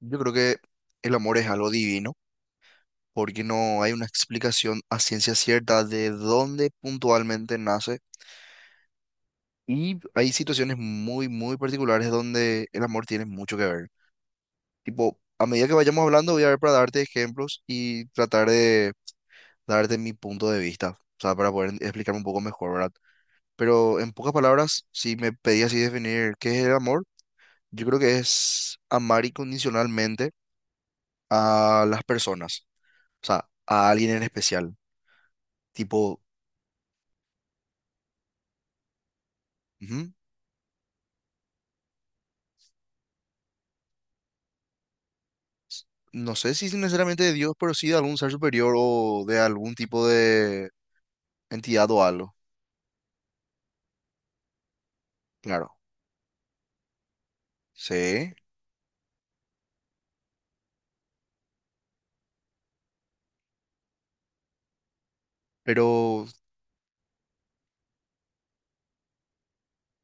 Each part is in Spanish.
Yo creo que el amor es algo divino, porque no hay una explicación a ciencia cierta de dónde puntualmente nace. Y hay situaciones muy, muy particulares donde el amor tiene mucho que ver. Tipo, a medida que vayamos hablando, voy a ver para darte ejemplos y tratar de darte mi punto de vista, o sea, para poder explicarme un poco mejor, ¿verdad? Pero en pocas palabras, si me pedías así definir qué es el amor, yo creo que es amar incondicionalmente a las personas, o sea, a alguien en especial tipo. Ujú. No sé si necesariamente de Dios, pero sí de algún ser superior o de algún tipo de entidad o algo. Claro, sí, pero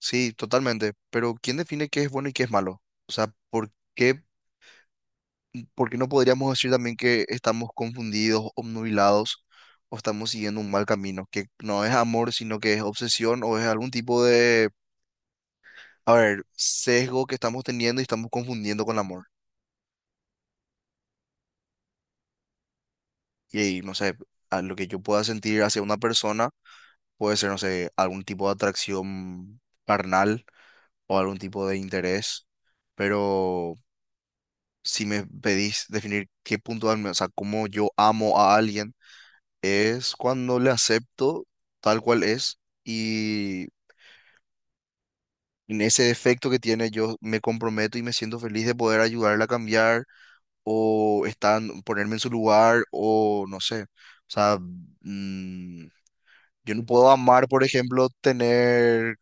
sí, totalmente. Pero ¿quién define qué es bueno y qué es malo? O sea, por qué no podríamos decir también que estamos confundidos, obnubilados o estamos siguiendo un mal camino? Que no es amor, sino que es obsesión o es algún tipo de, a ver, sesgo que estamos teniendo y estamos confundiendo con el amor. Y no sé, a lo que yo pueda sentir hacia una persona puede ser, no sé, algún tipo de atracción carnal o algún tipo de interés, pero si me pedís definir qué punto, darme, o sea, cómo yo amo a alguien, es cuando le acepto tal cual es y en ese defecto que tiene yo me comprometo y me siento feliz de poder ayudarle a cambiar o estar, ponerme en su lugar o no sé, o sea, mm, yo no puedo amar, por ejemplo, tener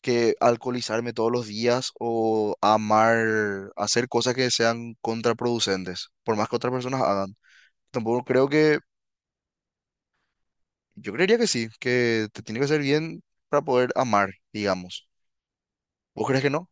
que alcoholizarme todos los días o amar, hacer cosas que sean contraproducentes, por más que otras personas hagan. Tampoco creo que, yo creería que sí, que te tiene que hacer bien para poder amar, digamos. ¿Vos crees que no?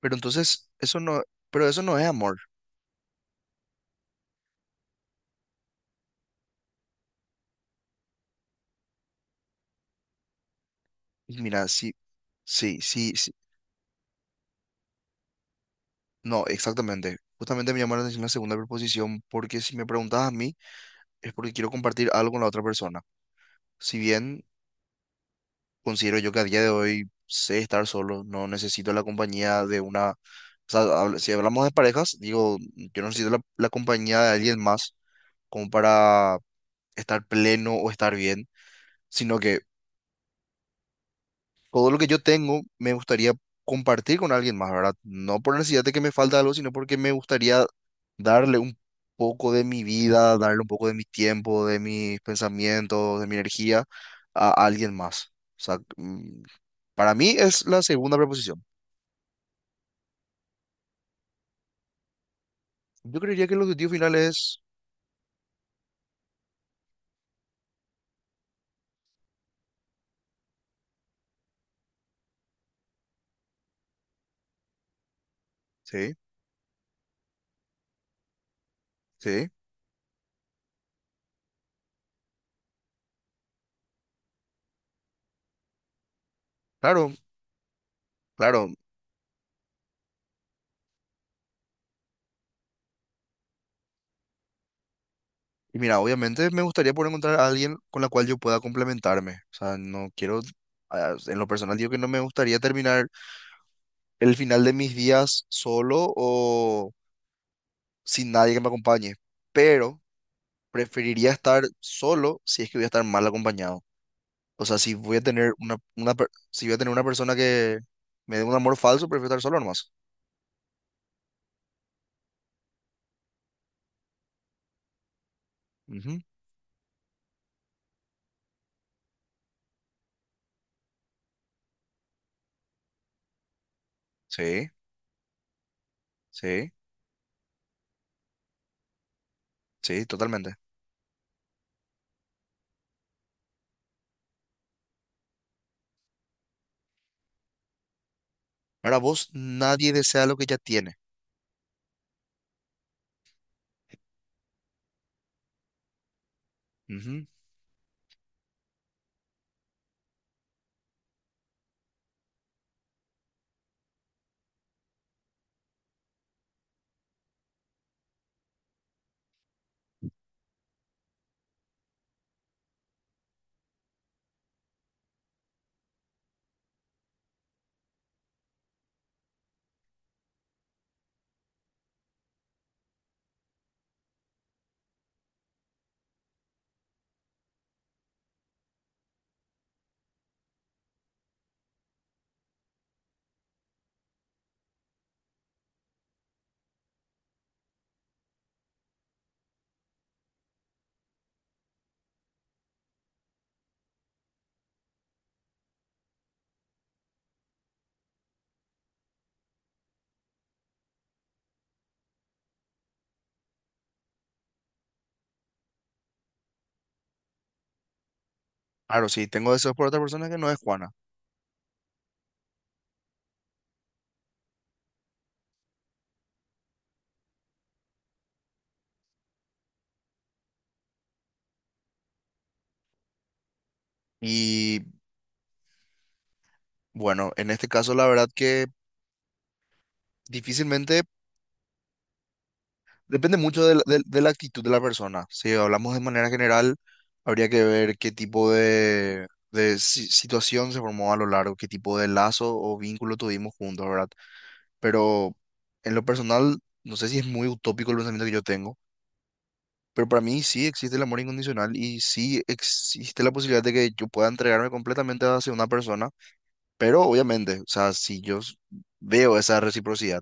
Pero entonces, eso no, pero eso no es amor. Y mira, sí, sí, sí, sí. No, exactamente. Justamente me llamó la atención la segunda preposición porque si me preguntas a mí es porque quiero compartir algo con la otra persona. Si bien considero yo que a día de hoy sé estar solo, no necesito la compañía de una, o sea, si hablamos de parejas, digo, yo no necesito la compañía de alguien más como para estar pleno o estar bien, sino que todo lo que yo tengo me gustaría compartir con alguien más, ¿verdad? No por necesidad de que me falta algo, sino porque me gustaría darle un poco de mi vida, darle un poco de mi tiempo, de mis pensamientos, de mi energía a alguien más. O sea, para mí es la segunda preposición. Yo creería que el objetivo final es... Sí, sí, claro, claro. Y mira, obviamente me gustaría poder encontrar a alguien con la cual yo pueda complementarme. O sea, no quiero... en lo personal digo que no me gustaría terminar el final de mis días solo o sin nadie que me acompañe. Pero preferiría estar solo si es que voy a estar mal acompañado. O sea, si voy a tener una si voy a tener una persona que me dé un amor falso, prefiero estar solo nomás. Ujú. Sí, sí, sí, totalmente. Para vos, nadie desea lo que ya tiene. Ujú. Claro, sí, tengo deseos por otra persona que no es Juana. Y bueno, en este caso, la verdad que difícilmente depende mucho de de la actitud de la persona. Si hablamos de manera general, habría que ver qué tipo de, situación se formó a lo largo, qué tipo de lazo o vínculo tuvimos juntos, ¿verdad? Pero en lo personal, no sé si es muy utópico el pensamiento que yo tengo. Pero para mí sí existe el amor incondicional y sí existe la posibilidad de que yo pueda entregarme completamente hacia una persona, pero obviamente, o sea, si yo s- veo esa reciprocidad,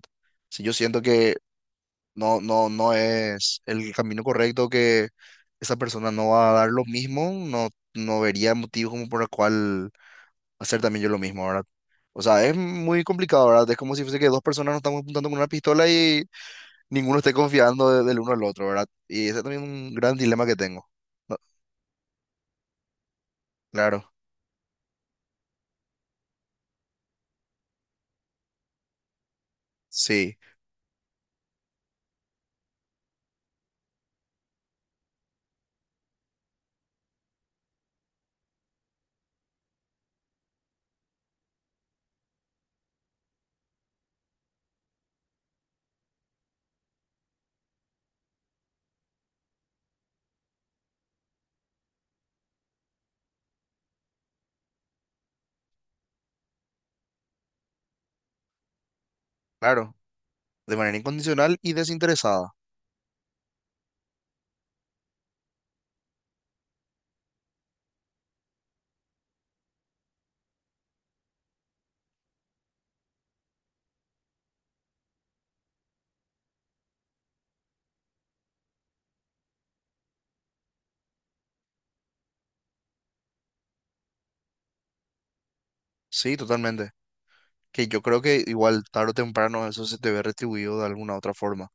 si yo siento que no, no, no es el camino correcto, que esa persona no va a dar lo mismo, no, no vería motivo como por el cual hacer también yo lo mismo, ¿verdad? O sea, es muy complicado, ¿verdad? Es como si fuese que dos personas nos estamos apuntando con una pistola y ninguno esté confiando del uno al otro, ¿verdad? Y ese es también un gran dilema que tengo. Claro, sí, claro, de manera incondicional y desinteresada, sí, totalmente. Que yo creo que igual tarde o temprano eso se te ve retribuido de alguna otra forma,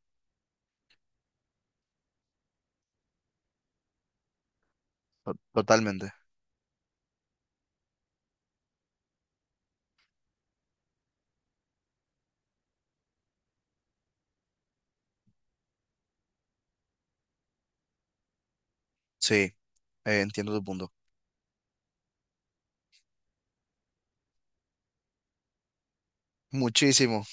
totalmente. Sí, entiendo tu punto. Muchísimo,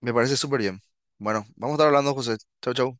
me parece súper bien. Bueno, vamos a estar hablando, José. Chau, chau.